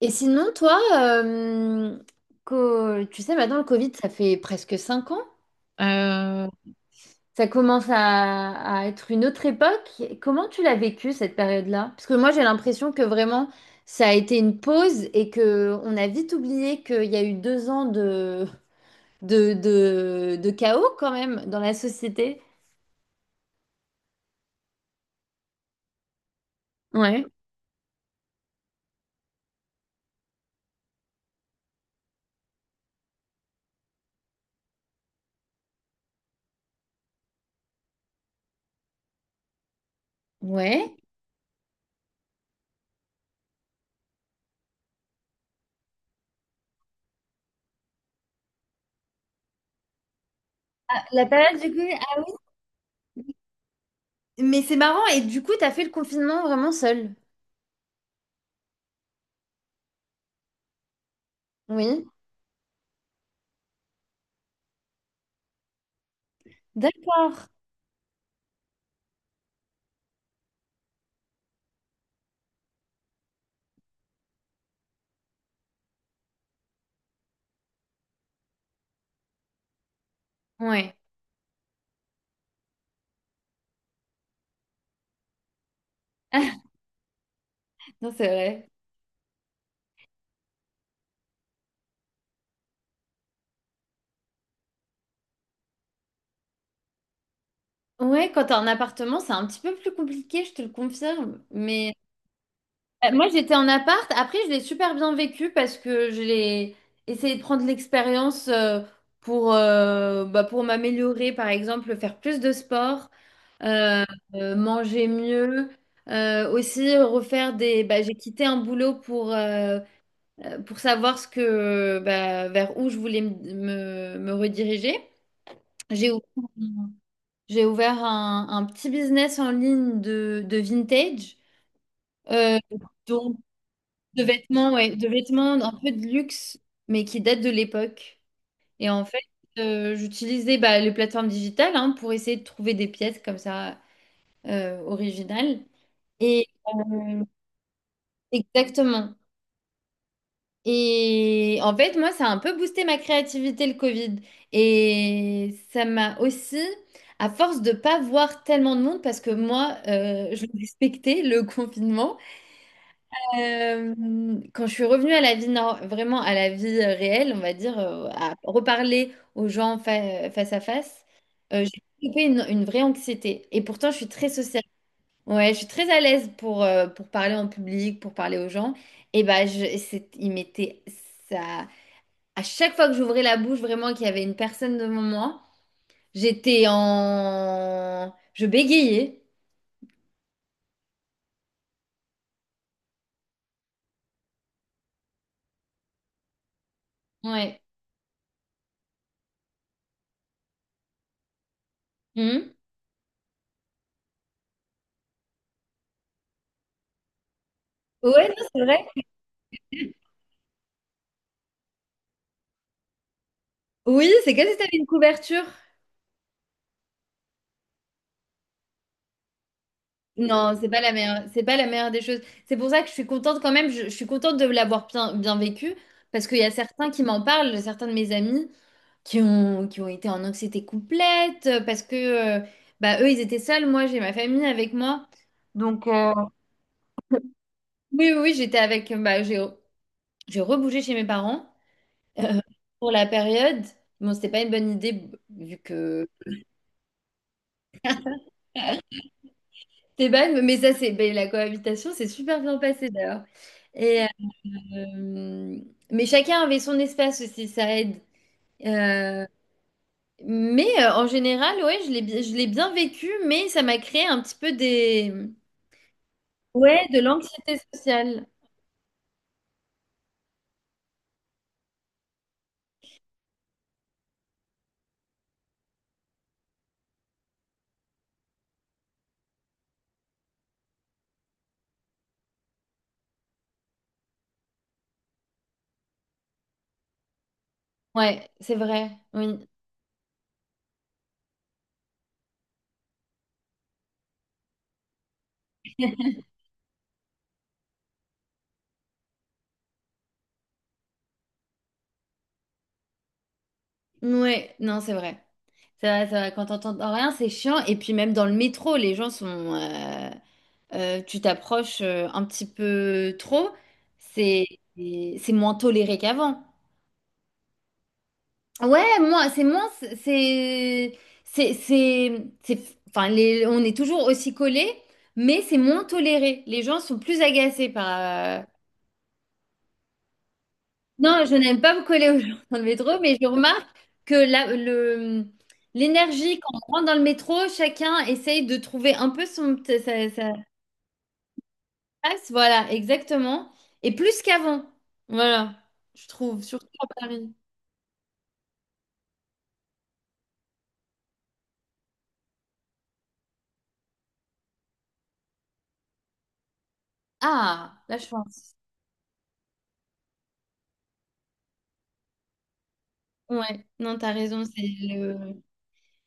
Et sinon, toi, tu sais, maintenant le Covid, ça fait presque 5 ans. Euh, Ça commence à être une autre époque. Comment tu l'as vécu cette période-là? Parce que moi, j'ai l'impression que vraiment, ça a été une pause et que on a vite oublié qu'il y a eu 2 ans de chaos quand même dans la société. Ouais. Ouais. Ah, la période du Covid. Ah, oui. Mais c'est marrant. Et du coup, t'as fait le confinement vraiment seul. Oui. D'accord. Ouais. Non, c'est vrai. Ouais, quand t'es en appartement, c'est un petit peu plus compliqué, je te le confirme. Mais, moi, j'étais en appart. Après, je l'ai super bien vécu parce que je l'ai essayé de prendre l'expérience, pour, bah, pour m'améliorer, par exemple, faire plus de sport, euh, manger mieux. Aussi refaire des, j'ai quitté un boulot pour, pour savoir ce que, bah, vers où je voulais me rediriger. j'ai ouvert J'ai ouvert un petit business en ligne de vintage, euh, donc de vêtements, ouais, de vêtements un peu de luxe, mais qui datent de l'époque. Et en fait, j'utilisais, bah, les plateformes digitales, hein, pour essayer de trouver des pièces comme ça, originales. Et euh, Exactement. Et en fait, moi, ça a un peu boosté ma créativité, le Covid. Et ça m'a aussi, à force de pas voir tellement de monde, parce que moi, je respectais le confinement, euh, quand je suis revenue à la vie, vraiment à la vie, réelle, on va dire, à reparler aux gens, face à face, j'ai développé une vraie anxiété. Et pourtant, je suis très sociale. Ouais, je suis très à l'aise pour parler en public, pour parler aux gens. Et bah, il m'était ça à chaque fois que j'ouvrais la bouche, vraiment, et qu'il y avait une personne devant moi, j'étais en... Je bégayais. Ouais. Mhm. Ouais, non, c'est vrai. Oui, c'est comme si t'avais une couverture. Non, c'est pas la meilleure, c'est pas la meilleure des choses. C'est pour ça que je suis contente quand même, je suis contente de l'avoir bien, bien vécu, parce qu'il y a certains qui m'en parlent, certains de mes amis qui ont été en anxiété complète, parce que, euh, bah, eux, ils étaient seuls, moi, j'ai ma famille avec moi. Oui, oui, oui, j'étais avec, bah, j'ai rebougé chez mes parents. Euh, pour la période, bon, c'était pas une bonne idée, vu que Esteban, mais ça, c'est, ben, la cohabitation, c'est super bien passé d'ailleurs. Et, euh, mais chacun avait son espace aussi, ça aide. Euh, mais, en général, ouais, je l'ai bien vécu, mais ça m'a créé un petit peu des... Ouais, de l'anxiété sociale. Ouais, c'est vrai. Oui. Ouais, non, c'est vrai. C'est vrai, c'est vrai. Quand t'entends rien, c'est chiant. Et puis même dans le métro, les gens sont... euh, tu t'approches, un petit peu trop, c'est c'est moins toléré qu'avant. Ouais, moi, c'est moins, enfin, on est toujours aussi collés, mais c'est moins toléré. Les gens sont plus agacés par. Non, je n'aime pas me coller aux gens dans le métro, mais je remarque que l'énergie quand on rentre dans le métro, chacun essaye de trouver un peu sa- passe, voilà, exactement. Et plus qu'avant. Voilà, je trouve, surtout à Paris. Ah, la chance. Ouais, non, t'as raison, c'est le...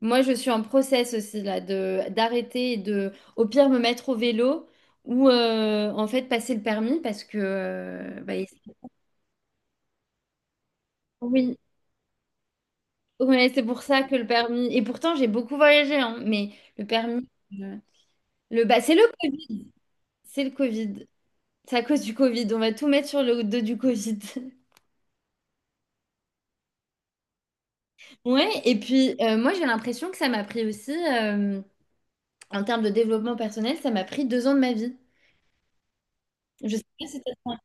Moi, je suis en process aussi, là, de d'arrêter et de, au pire, me mettre au vélo ou, en fait, passer le permis parce que... bah, oui, ouais, c'est pour ça que le permis... Et pourtant, j'ai beaucoup voyagé, hein, mais le permis... euh, Bah, c'est le Covid, c'est le Covid. C'est à cause du Covid, on va tout mettre sur le dos du Covid. Ouais, et puis, moi, j'ai l'impression que ça m'a pris aussi, en termes de développement personnel, ça m'a pris 2 ans de ma vie. Je sais pas si ça.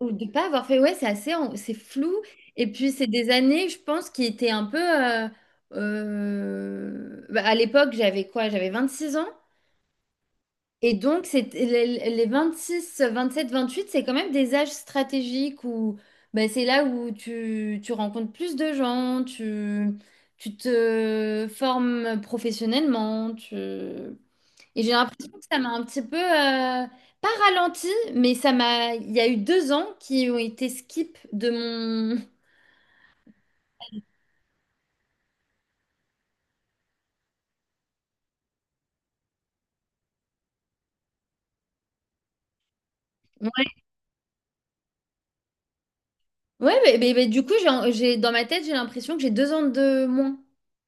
Ou de pas avoir fait, ouais, c'est assez, c'est flou. Et puis c'est des années, je pense, qui étaient un peu. Bah, à l'époque, j'avais quoi? J'avais 26 ans. Et donc, c'est les sept vingt-huit, c'est quand même des âges stratégiques où ben, c'est là où tu rencontres plus de gens, tu te formes professionnellement. Tu... Et j'ai l'impression que ça m'a un petit peu, pas ralenti, mais il y a eu 2 ans qui ont été skip de mon... Ouais, ouais, mais du coup, dans ma tête, j'ai l'impression que j'ai 2 ans de moins.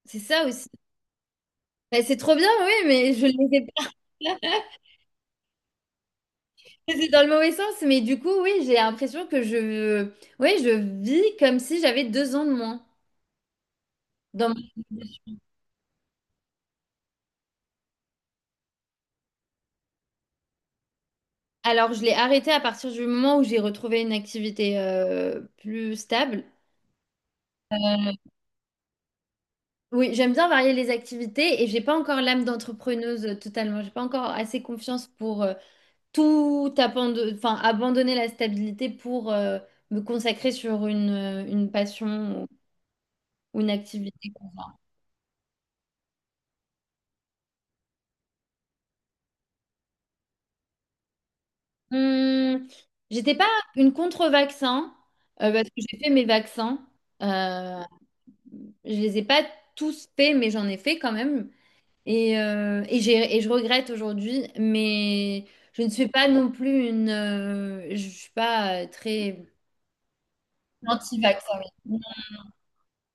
C'est ça aussi. Ben, c'est trop bien, oui, mais je les ai pas. Oui, c'est dans le mauvais sens, mais du coup, oui, j'ai l'impression que oui, je vis comme si j'avais 2 ans de moins. Dans mon- Alors, je l'ai arrêté à partir du moment où j'ai retrouvé une activité, plus stable. Oui, j'aime bien varier les activités et j'ai pas encore l'âme d'entrepreneuse, totalement. J'ai pas encore assez confiance pour, tout abandonner, enfin, abandonner la stabilité pour, me consacrer sur une passion ou une activité. Hum, J'étais pas une contre-vaccin, parce que j'ai fait mes vaccins. Euh, je les ai pas tous faits, mais j'en ai fait quand même. Et je regrette aujourd'hui, mais je ne suis pas non plus une. Je suis pas, très anti-vaccin. Oui.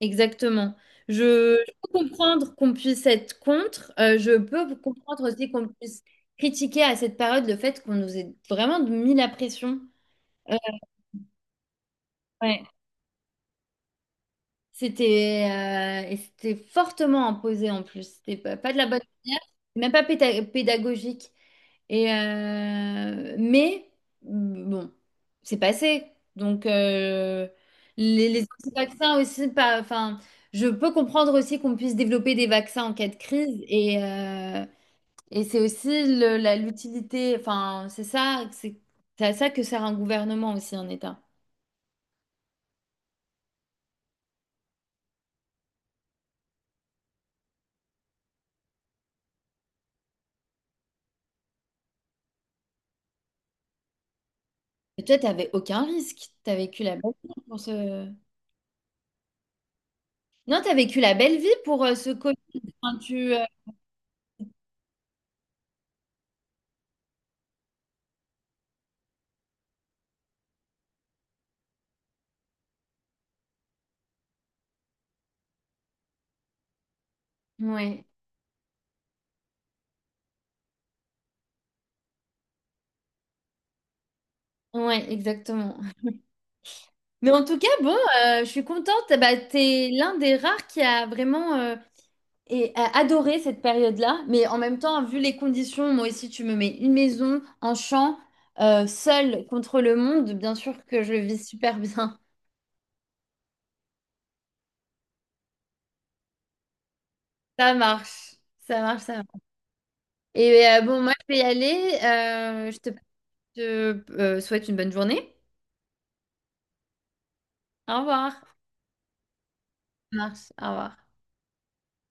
Exactement. Je peux comprendre qu'on puisse être contre. Je peux comprendre aussi qu'on puisse critiquer à cette période le fait qu'on nous ait vraiment mis la pression. Euh, C'était fortement imposé en plus. C'était pas, pas de la bonne manière, même pas pédagogique. Mais bon, c'est passé. Donc, les vaccins aussi, pas, enfin, je peux comprendre aussi qu'on puisse développer des vaccins en cas de crise. Et c'est aussi l'utilité. Enfin, c'est ça, c'est à ça que sert un gouvernement aussi, un État. Et toi, t'avais aucun risque. T'as vécu la belle vie pour ce. Non, t'as vécu la belle vie pour, ce Covid. Enfin, ouais, ouais, exactement. Mais en tout cas, bon, je suis contente. Bah, t'es l'un des rares qui a vraiment, a adoré cette période-là. Mais en même temps, vu les conditions, moi aussi, tu me mets une maison, un champ, seule contre le monde. Bien sûr que je le vis super bien. Ça marche, ça marche, ça marche. Bon, moi, je vais y aller. Je te souhaite une bonne journée. Au revoir. Ça marche, au revoir.